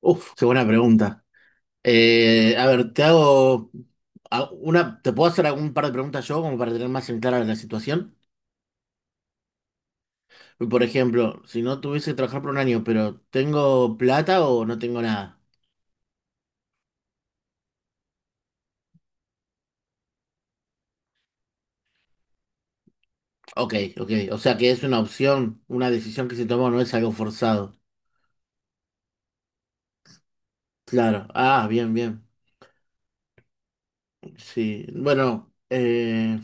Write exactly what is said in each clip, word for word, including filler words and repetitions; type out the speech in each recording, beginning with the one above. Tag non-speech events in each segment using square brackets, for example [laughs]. Uf, qué buena pregunta. Eh, a ver, te hago a- una, te puedo hacer algún par de preguntas yo como para tener más en clara la situación. Por ejemplo, si no tuviese que trabajar por un año, pero tengo plata o no tengo nada. Ok, ok. O sea que es una opción, una decisión que se toma, no es algo forzado. Claro. Ah, bien, bien. Sí. Bueno, eh,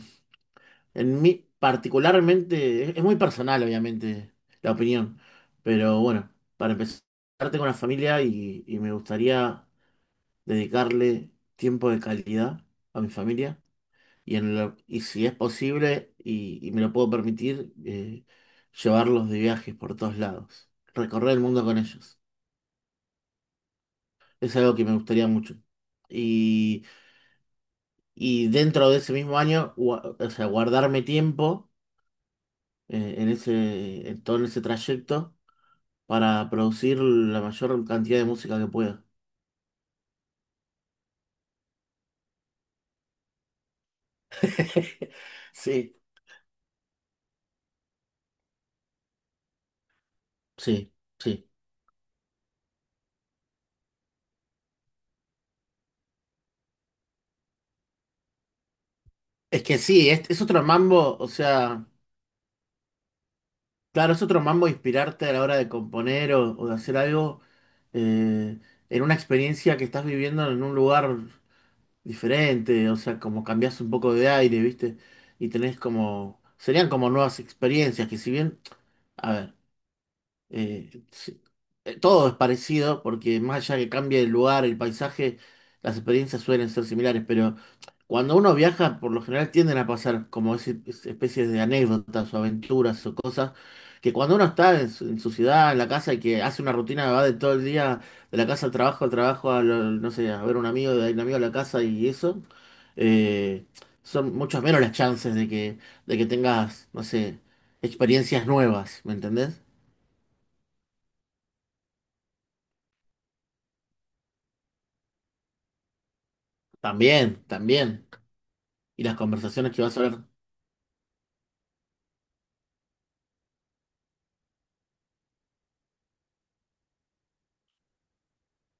En mí, particularmente, es, es muy personal, obviamente, la opinión. Pero bueno, para empezar, tengo una familia y, y me gustaría dedicarle tiempo de calidad a mi familia. Y, en lo- y si es posible y, y me lo puedo permitir, eh, llevarlos de viajes por todos lados. Recorrer el mundo con ellos. Es algo que me gustaría mucho. Y, y dentro de ese mismo año, gua- o sea, guardarme tiempo eh, en ese, en todo ese trayecto para producir la mayor cantidad de música que pueda. [laughs] Sí, Sí, sí. Es que sí, es, es otro mambo, o sea, claro, es otro mambo inspirarte a la hora de componer o, o de hacer algo eh, en una experiencia que estás viviendo en un lugar diferente, o sea, como cambias un poco de aire, ¿viste? Y tenés como, serían como nuevas experiencias, que si bien, a ver. Eh, sí, eh, todo es parecido porque más allá que cambie el lugar, el paisaje, las experiencias suelen ser similares, pero cuando uno viaja, por lo general tienden a pasar como ese- es- especies de anécdotas o aventuras o cosas que cuando uno está en su, en su ciudad, en la casa y que hace una rutina, va de todo el día de la casa al trabajo, al trabajo, a lo- no sé, a ver un amigo, de ahí un amigo a la casa y eso, eh, son muchas menos las chances de que, de que tengas, no sé, experiencias nuevas, ¿me entendés? También, también. Y las conversaciones que vas a ver.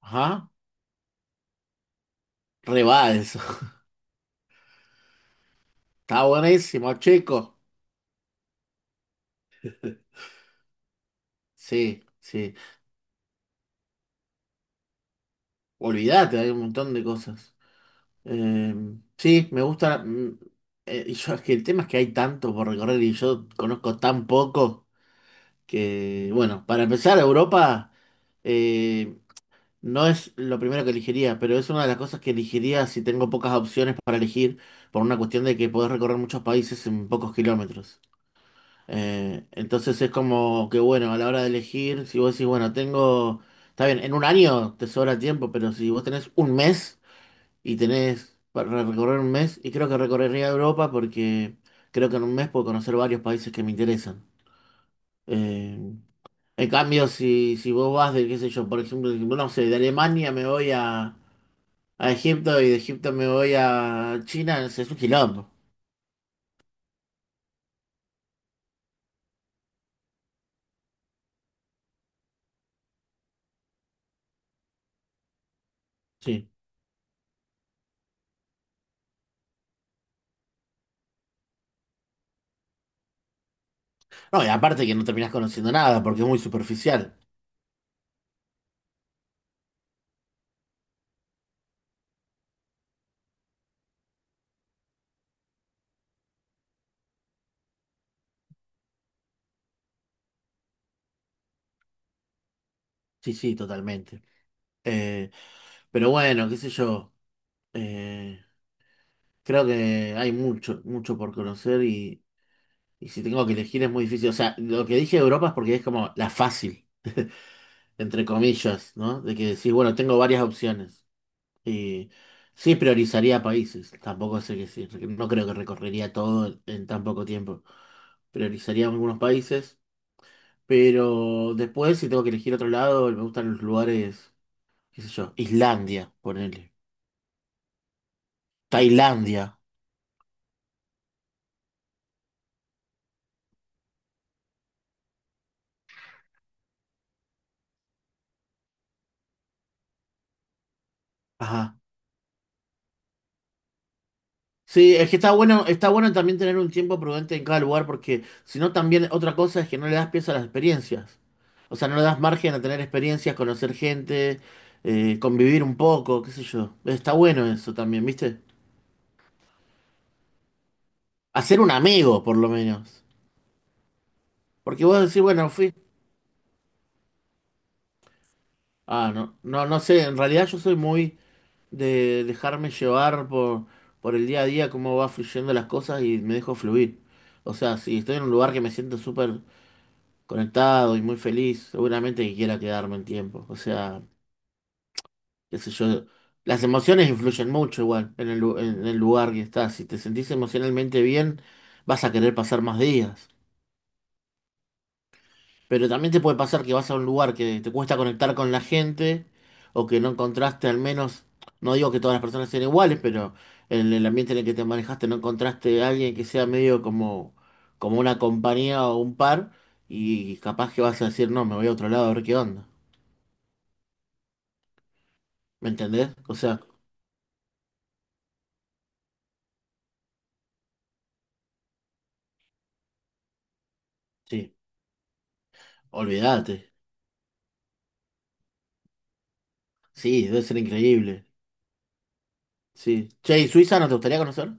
Ajá, re va eso. [laughs] Está buenísimo, chico. Sí, sí. Olvídate, hay un montón de cosas. Eh, sí, me gusta. mm, eh, y yo, es que el tema es que hay tanto por recorrer y yo conozco tan poco que, bueno, para empezar, Europa eh, no es lo primero que elegiría, pero es una de las cosas que elegiría si tengo pocas opciones para elegir, por una cuestión de que podés recorrer muchos países en pocos kilómetros. Eh, entonces es como que bueno, a la hora de elegir, si vos decís, bueno, tengo, está bien, en un año te sobra tiempo, pero si vos tenés un mes y tenés para recorrer un mes, y creo que recorrería Europa porque creo que en un mes puedo conocer varios países que me interesan. Eh, en cambio, si, si vos vas de, qué sé yo, por ejemplo, no sé, de Alemania me voy a, a Egipto y de Egipto me voy a China, es es un quilombo. Sí. No, y aparte que no terminás conociendo nada porque es muy superficial. Sí, sí, totalmente. Eh, pero bueno, qué sé yo. eh, creo que hay mucho, mucho por conocer y, y si tengo que elegir es muy difícil. O sea, lo que dije de Europa es porque es como la fácil, entre comillas, ¿no? De que decís, bueno, tengo varias opciones. Y sí priorizaría países. Tampoco sé que sí, no creo que recorrería todo en tan poco tiempo. Priorizaría algunos países. Pero después, si tengo que elegir otro lado, me gustan los lugares, qué sé yo, Islandia, ponele. Tailandia. Ajá. Sí, es que está bueno, está bueno también tener un tiempo prudente en cada lugar, porque si no también otra cosa es que no le das pies a las experiencias. O sea, no le das margen a tener experiencias, conocer gente, eh, convivir un poco, qué sé yo. Está bueno eso también, ¿viste? Hacer un amigo, por lo menos. Porque vos decís, bueno, fui. Ah, no, no, no sé, en realidad yo soy muy de dejarme llevar por, por el día a día, cómo va fluyendo las cosas y me dejo fluir. O sea, si estoy en un lugar que me siento súper conectado y muy feliz, seguramente que quiera quedarme un tiempo. O sea, qué sé yo, las emociones influyen mucho igual en el, lu- en el lugar que estás. Si te sentís emocionalmente bien, vas a querer pasar más días. Pero también te puede pasar que vas a un lugar que te cuesta conectar con la gente o que no encontraste al menos, no digo que todas las personas sean iguales, pero en el ambiente en el que te manejaste no encontraste a alguien que sea medio como, como una compañía o un par y capaz que vas a decir, no, me voy a otro lado a ver qué onda. ¿Me entendés? O sea, sí, olvídate. Sí, debe ser increíble. Sí. Che, ¿y Suiza no te gustaría conocer?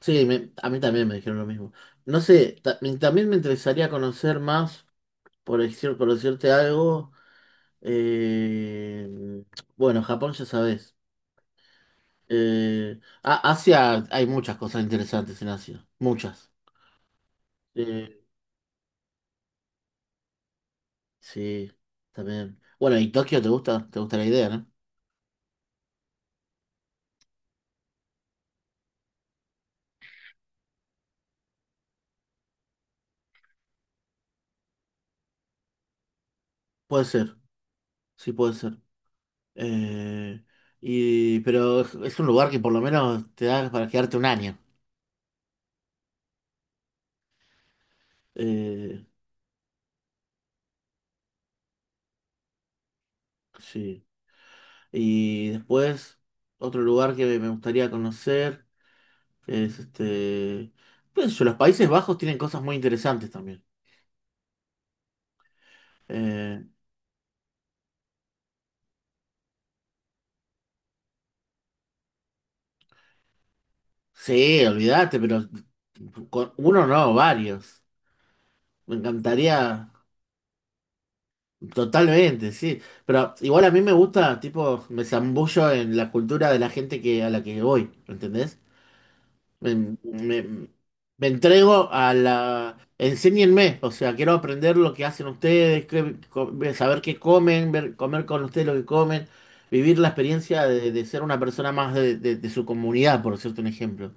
Sí, me- a mí también me dijeron lo mismo. No sé, ta- me- también me interesaría conocer más, por decir, por decirte algo. eh, bueno, Japón ya sabes. Eh, A- Asia, hay muchas cosas interesantes en Asia. Muchas. Eh, sí, también. Bueno, ¿y Tokio te gusta? ¿Te gusta la idea, no? Puede ser, sí puede ser. Eh, y, pero es es un lugar que por lo menos te da para quedarte un año. Eh, sí. Y después, otro lugar que me me gustaría conocer es este. Qué sé yo, los Países Bajos tienen cosas muy interesantes también. Eh, sí, olvídate, pero con uno no, varios. Me encantaría. Totalmente, sí. Pero igual a mí me gusta, tipo, me zambullo en la cultura de la gente que, a la que voy, ¿entendés? Me, me- me entrego a la... Enséñenme, o sea, quiero aprender lo que hacen ustedes, qué- co- saber qué comen, ver, comer con ustedes lo que comen, vivir la experiencia de, de ser una persona más de, de- de su comunidad, por decirte un ejemplo.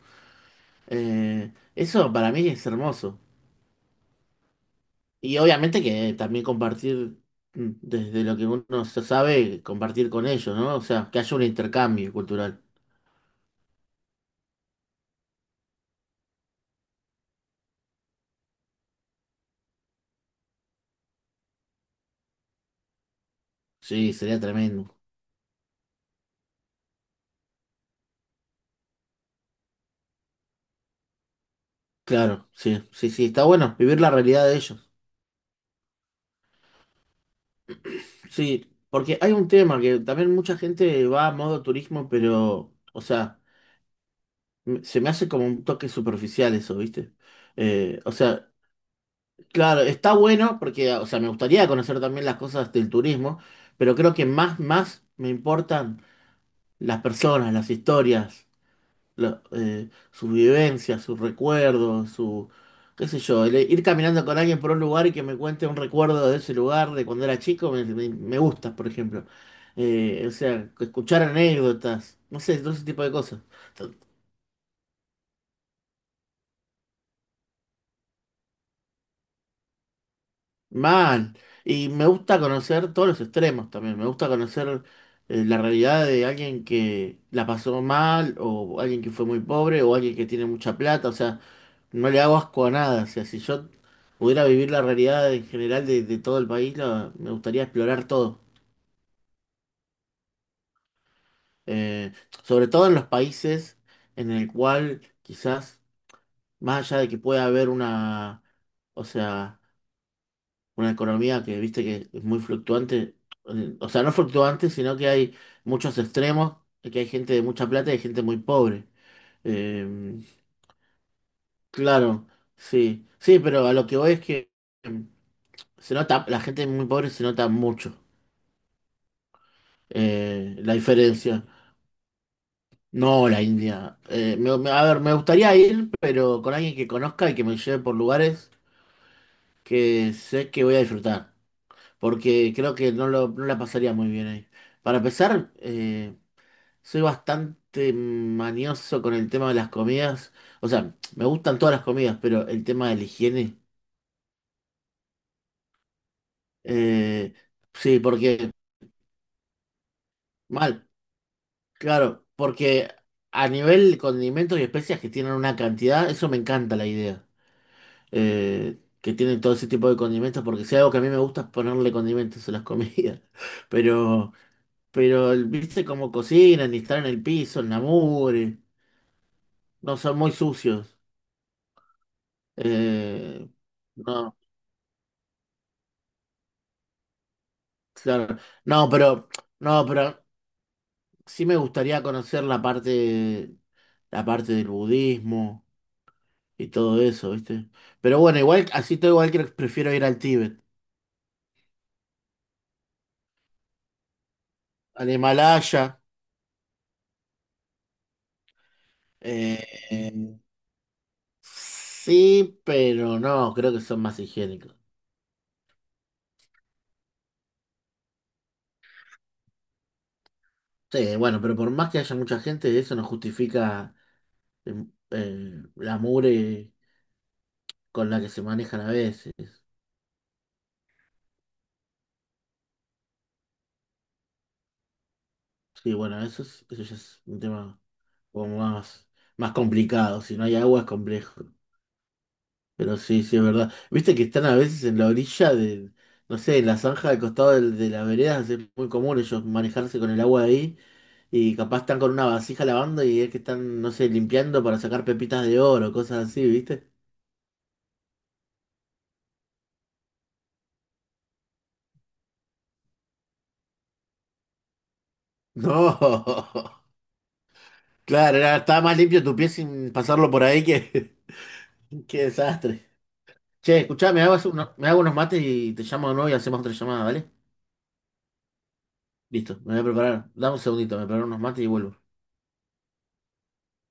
Eh, eso para mí es hermoso. Y obviamente que también compartir mm, desde lo que uno se sabe, compartir con ellos, ¿no? O sea, que haya un intercambio cultural. Sí, sería tremendo. Claro, sí, sí, sí, está bueno vivir la realidad de ellos. Sí, porque hay un tema que también mucha gente va a modo turismo, pero, o sea, m- se me hace como un toque superficial eso, ¿viste? Eh, o sea, claro, está bueno porque, o sea, me gustaría conocer también las cosas del turismo, pero creo que más, más me importan las personas, las historias, la- eh, sus vivencias, sus recuerdos, su, qué sé yo, el ir caminando con alguien por un lugar y que me cuente un recuerdo de ese lugar, de cuando era chico, me, me- me gusta, por ejemplo. Eh, o sea, escuchar anécdotas, no sé, todo ese tipo de cosas. Man, y me gusta conocer todos los extremos también, me gusta conocer eh, la realidad de alguien que la pasó mal, o alguien que fue muy pobre, o alguien que tiene mucha plata, o sea, no le hago asco a nada, o sea, si yo pudiera vivir la realidad en general de, de todo el país, la- me gustaría explorar todo. Eh, sobre todo en los países en el cual quizás, más allá de que pueda haber una, o sea una economía que viste que es muy fluctuante, eh, o sea, no fluctuante, sino que hay muchos extremos, que hay gente de mucha plata y hay gente muy pobre. Eh, claro, sí, sí, pero a lo que voy es que eh, se nota, la gente muy pobre se nota mucho eh, la diferencia. No, la India. Eh, me- me- a ver, me gustaría ir, pero con alguien que conozca y que me lleve por lugares que sé que voy a disfrutar, porque creo que no, lo, no la pasaría muy bien ahí. Para empezar, eh, Soy bastante manioso con el tema de las comidas. O sea, me gustan todas las comidas, pero el tema de la higiene. eh, sí, porque. Mal, claro. Porque a nivel condimentos y especias que tienen una cantidad, eso me encanta la idea. eh, que tienen todo ese tipo de condimentos, porque si hay algo que a mí me gusta es ponerle condimentos a las comidas. [laughs] Pero, pero viste cómo cocinan y están en el piso, en la mugre. No son muy sucios. Eh, no. Claro. No, pero, no, pero sí me gustaría conocer la parte, la parte del budismo y todo eso, ¿viste? Pero bueno, igual, así todo igual que prefiero ir al Tíbet, al Himalaya. eh, eh, sí, pero no, creo que son más higiénicos. Sí, bueno, pero por más que haya mucha gente, eso no justifica eh, eh, la mugre con la que se manejan a veces. Sí, bueno, eso es, eso ya es un tema, como más, más complicado. Si no hay agua es complejo. Pero sí, sí, es verdad. Viste que están a veces en la orilla de, no sé, en la zanja del costado del- de, las veredas, es muy común ellos manejarse con el agua ahí y capaz están con una vasija lavando y es que están, no sé, limpiando para sacar pepitas de oro, cosas así, ¿viste? [laughs] No, claro, era- estaba más limpio tu pie sin pasarlo por ahí que, [laughs] qué desastre. Che, escuchá, me hago, unos, me hago unos mates y te llamo de nuevo y hacemos otra llamada, ¿vale? Listo, me voy a preparar. Dame un segundito, me preparo unos mates y vuelvo.